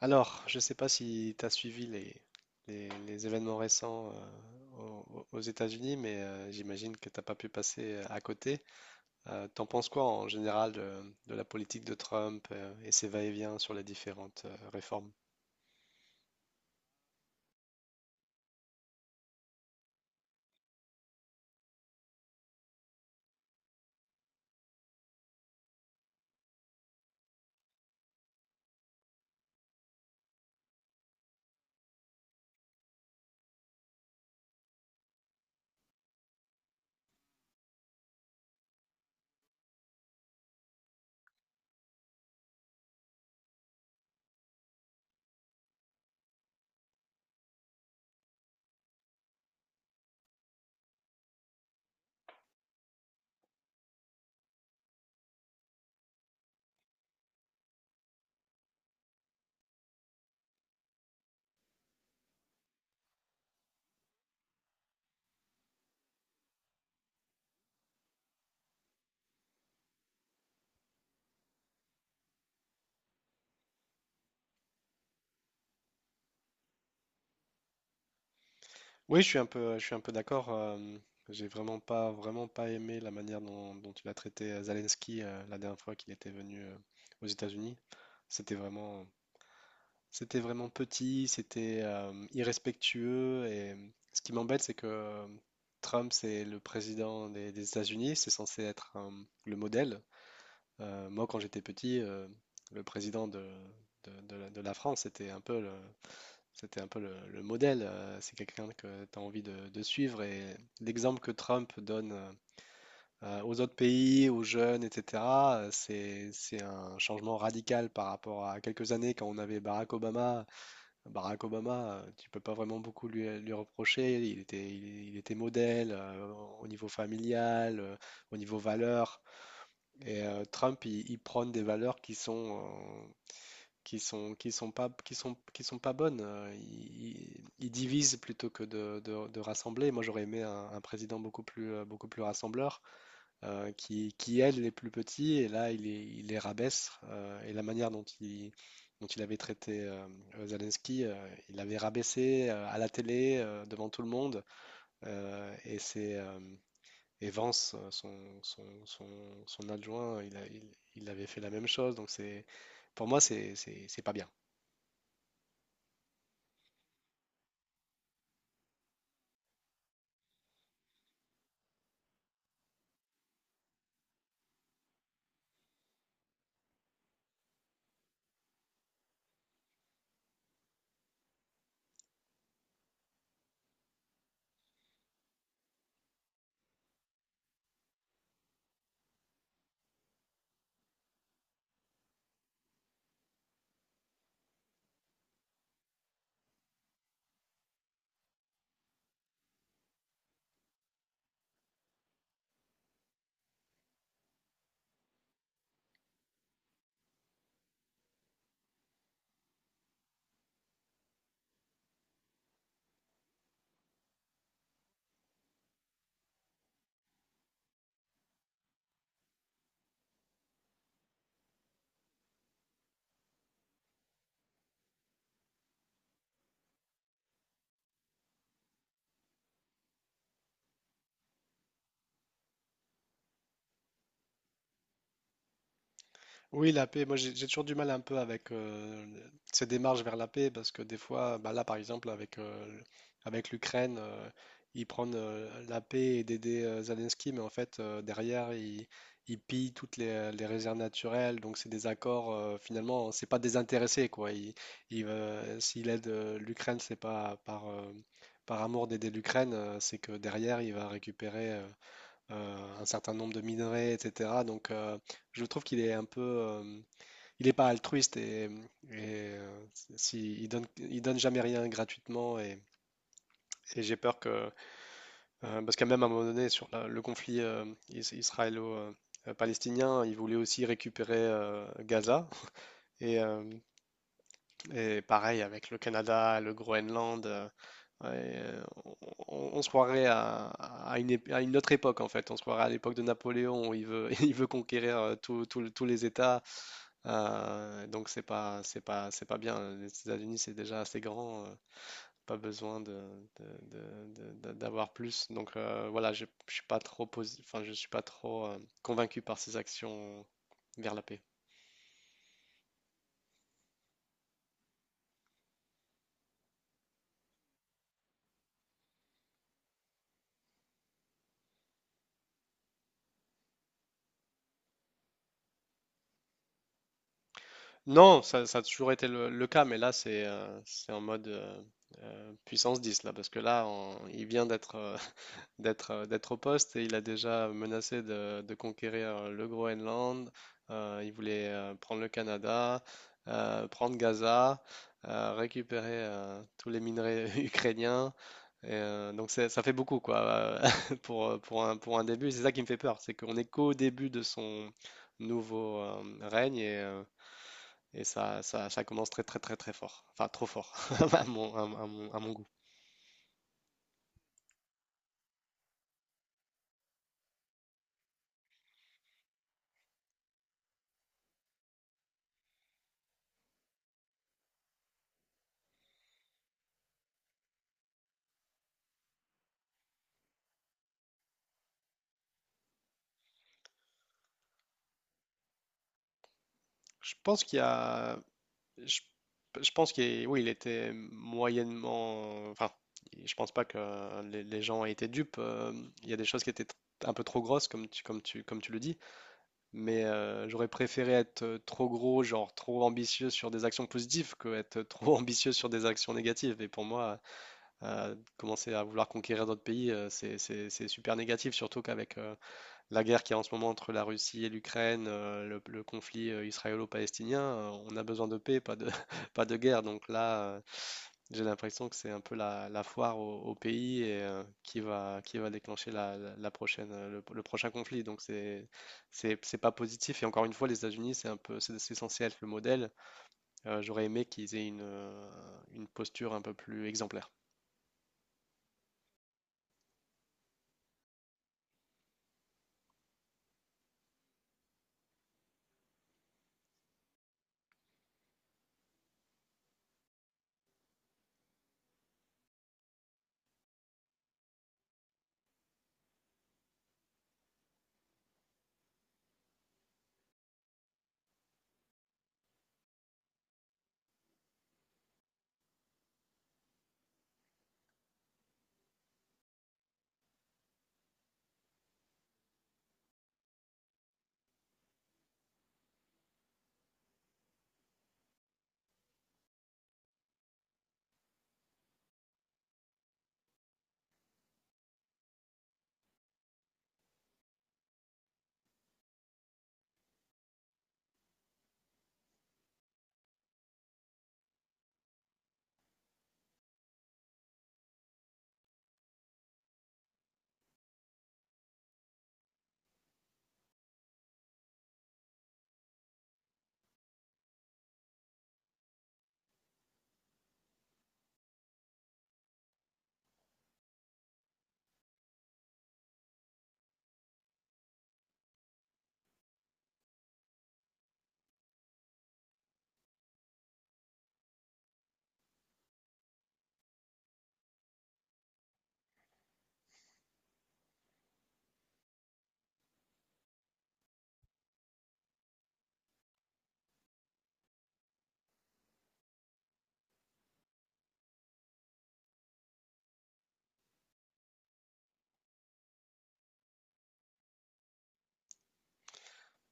Alors, je ne sais pas si tu as suivi les événements récents aux États-Unis, mais j'imagine que tu n'as pas pu passer à côté. T'en penses quoi en général de la politique de Trump et ses va-et-vient sur les différentes réformes? Oui, je suis un peu d'accord. J'ai vraiment pas aimé la manière dont il a traité Zelensky la dernière fois qu'il était venu aux États-Unis. C'était vraiment, C'était vraiment petit, c'était irrespectueux et ce qui m'embête, c'est que Trump, c'est le président des États-Unis, c'est censé être le modèle. Moi, quand j'étais petit, le président de la France, c'était un peu le modèle. C'est quelqu'un que tu as envie de suivre et l'exemple que Trump donne aux autres pays, aux jeunes, etc., c'est un changement radical par rapport à quelques années quand on avait Barack Obama. Barack Obama, tu peux pas vraiment beaucoup lui reprocher. Il était modèle au niveau familial, au niveau valeurs. Et Trump, il prône des valeurs qui sont, qui sont, qui sont pas bonnes. Il divise plutôt que de rassembler. Moi, j'aurais aimé un président beaucoup beaucoup plus rassembleur qui aide les plus petits, et là, il les rabaisse. Et la manière dont il avait traité Zelensky, il l'avait rabaissé à la télé, devant tout le monde. euh, et c'est, euh, et Vance, euh, son, son, son adjoint, il avait fait la même chose. Donc, pour moi, c'est pas bien. Oui, la paix, moi j'ai toujours du mal un peu avec ces démarches vers la paix parce que des fois, bah là par exemple avec l'Ukraine, ils prennent la paix et d'aider Zelensky, mais en fait derrière ils pillent toutes les réserves naturelles, donc c'est des accords finalement, c'est pas désintéressé quoi. S'il aide l'Ukraine, c'est pas par amour d'aider l'Ukraine, c'est que derrière il va récupérer un certain nombre de minerais, etc. Donc, je trouve qu'il est un peu, il n'est pas altruiste et, euh, si, il donne jamais rien gratuitement et j'ai peur parce qu'à même à un moment donné sur le conflit israélo-palestinien, il voulait aussi récupérer Gaza et euh, Et pareil avec le Canada, le Groenland, ouais, euh, on se croirait à à une autre époque en fait. On se croirait à l'époque de Napoléon où il veut, il veut conquérir tous les États. Donc c'est pas bien. Les États-Unis c'est déjà assez grand. Pas besoin de- de- d'avoir plus. Donc voilà, je suis pas trop je suis pas trop convaincu par ces actions vers la paix. Non, ça a toujours été le cas, mais là, c'est en mode puissance 10 là, parce que là, il vient d'être d'être d'être au poste et il a déjà menacé de conquérir le Groenland. Il voulait prendre le Canada, prendre Gaza, récupérer tous les minerais ukrainiens. Ça fait beaucoup, quoi, pour un début. C'est ça qui me fait peur, c'est qu'on est qu'au début de son nouveau règne. Et ça commence très très très très fort. Enfin, trop fort, à mon goût. Je pense qu'il y a... Je, je pense oui, il était moyennement... Enfin, je pense pas que les gens aient été dupes. Il y a des choses qui étaient un peu trop grosses, comme comme tu le dis. Mais j'aurais préféré être trop gros, genre trop ambitieux sur des actions positives, que être trop ambitieux sur des actions négatives. Et pour moi, commencer à vouloir conquérir d'autres pays, c'est super négatif, surtout qu'avec... la guerre qu'il y a en ce moment entre la Russie et l'Ukraine, le conflit israélo-palestinien, on a besoin de paix, pas de, pas de guerre. Donc là, j'ai l'impression que c'est un peu la foire au pays et, qui va déclencher la prochaine, le prochain conflit. Donc c'est pas positif. Et encore une fois, les États-Unis, c'est un peu, c'est censé être le modèle. J'aurais aimé qu'ils aient une posture un peu plus exemplaire.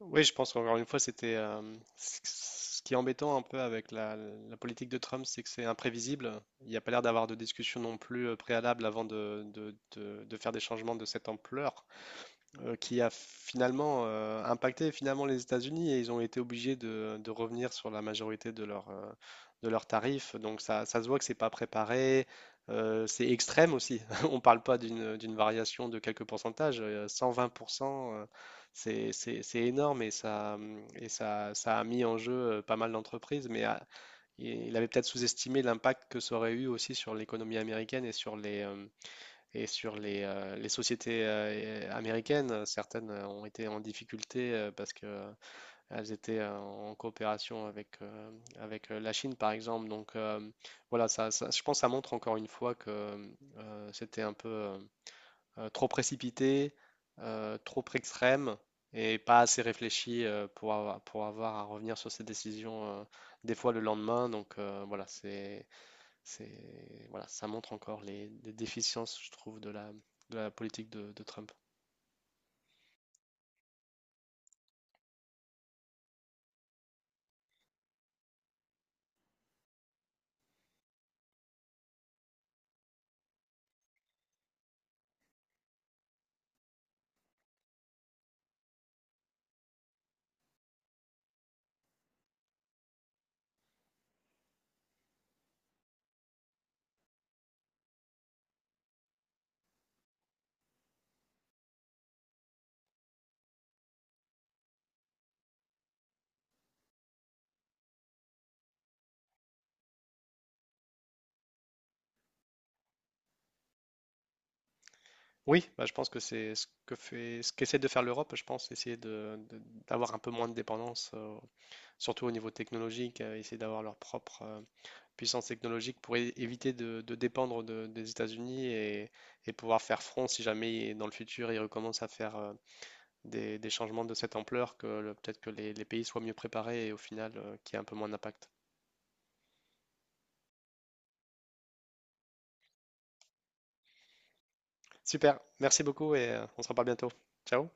Oui, je pense qu'encore une fois, c'était ce qui est embêtant un peu avec la politique de Trump, c'est que c'est imprévisible. Il n'y a pas l'air d'avoir de discussion non plus préalable avant de faire des changements de cette ampleur qui a finalement impacté finalement les États-Unis et ils ont été obligés de revenir sur la majorité de leurs tarifs. Donc ça se voit que c'est pas préparé, c'est extrême aussi. On parle pas d'une variation de quelques pourcentages, 120%, c'est c'est énorme et ça ça a mis en jeu pas mal d'entreprises. Il il avait peut-être sous-estimé l'impact que ça aurait eu aussi sur l'économie américaine et sur les les sociétés américaines, certaines ont été en difficulté parce que elles étaient en coopération avec la Chine, par exemple. Donc voilà, je pense que ça montre encore une fois que c'était un peu trop précipité, trop extrême et pas assez réfléchi pour avoir à revenir sur ces décisions des fois le lendemain. Donc voilà, c'est, voilà, ça montre encore les déficiences, je trouve, de la politique de Trump. Oui, bah, je pense que c'est ce que fait, ce qu'essaie de faire l'Europe, je pense, essayer d'avoir un peu moins de dépendance, surtout au niveau technologique, essayer d'avoir leur propre puissance technologique pour éviter de dépendre des États-Unis et pouvoir faire front si jamais dans le futur ils recommencent à faire des changements de cette ampleur, que peut-être que les pays soient mieux préparés et au final qui qu'il y ait un peu moins d'impact. Super, merci beaucoup et on se reparle bientôt. Ciao.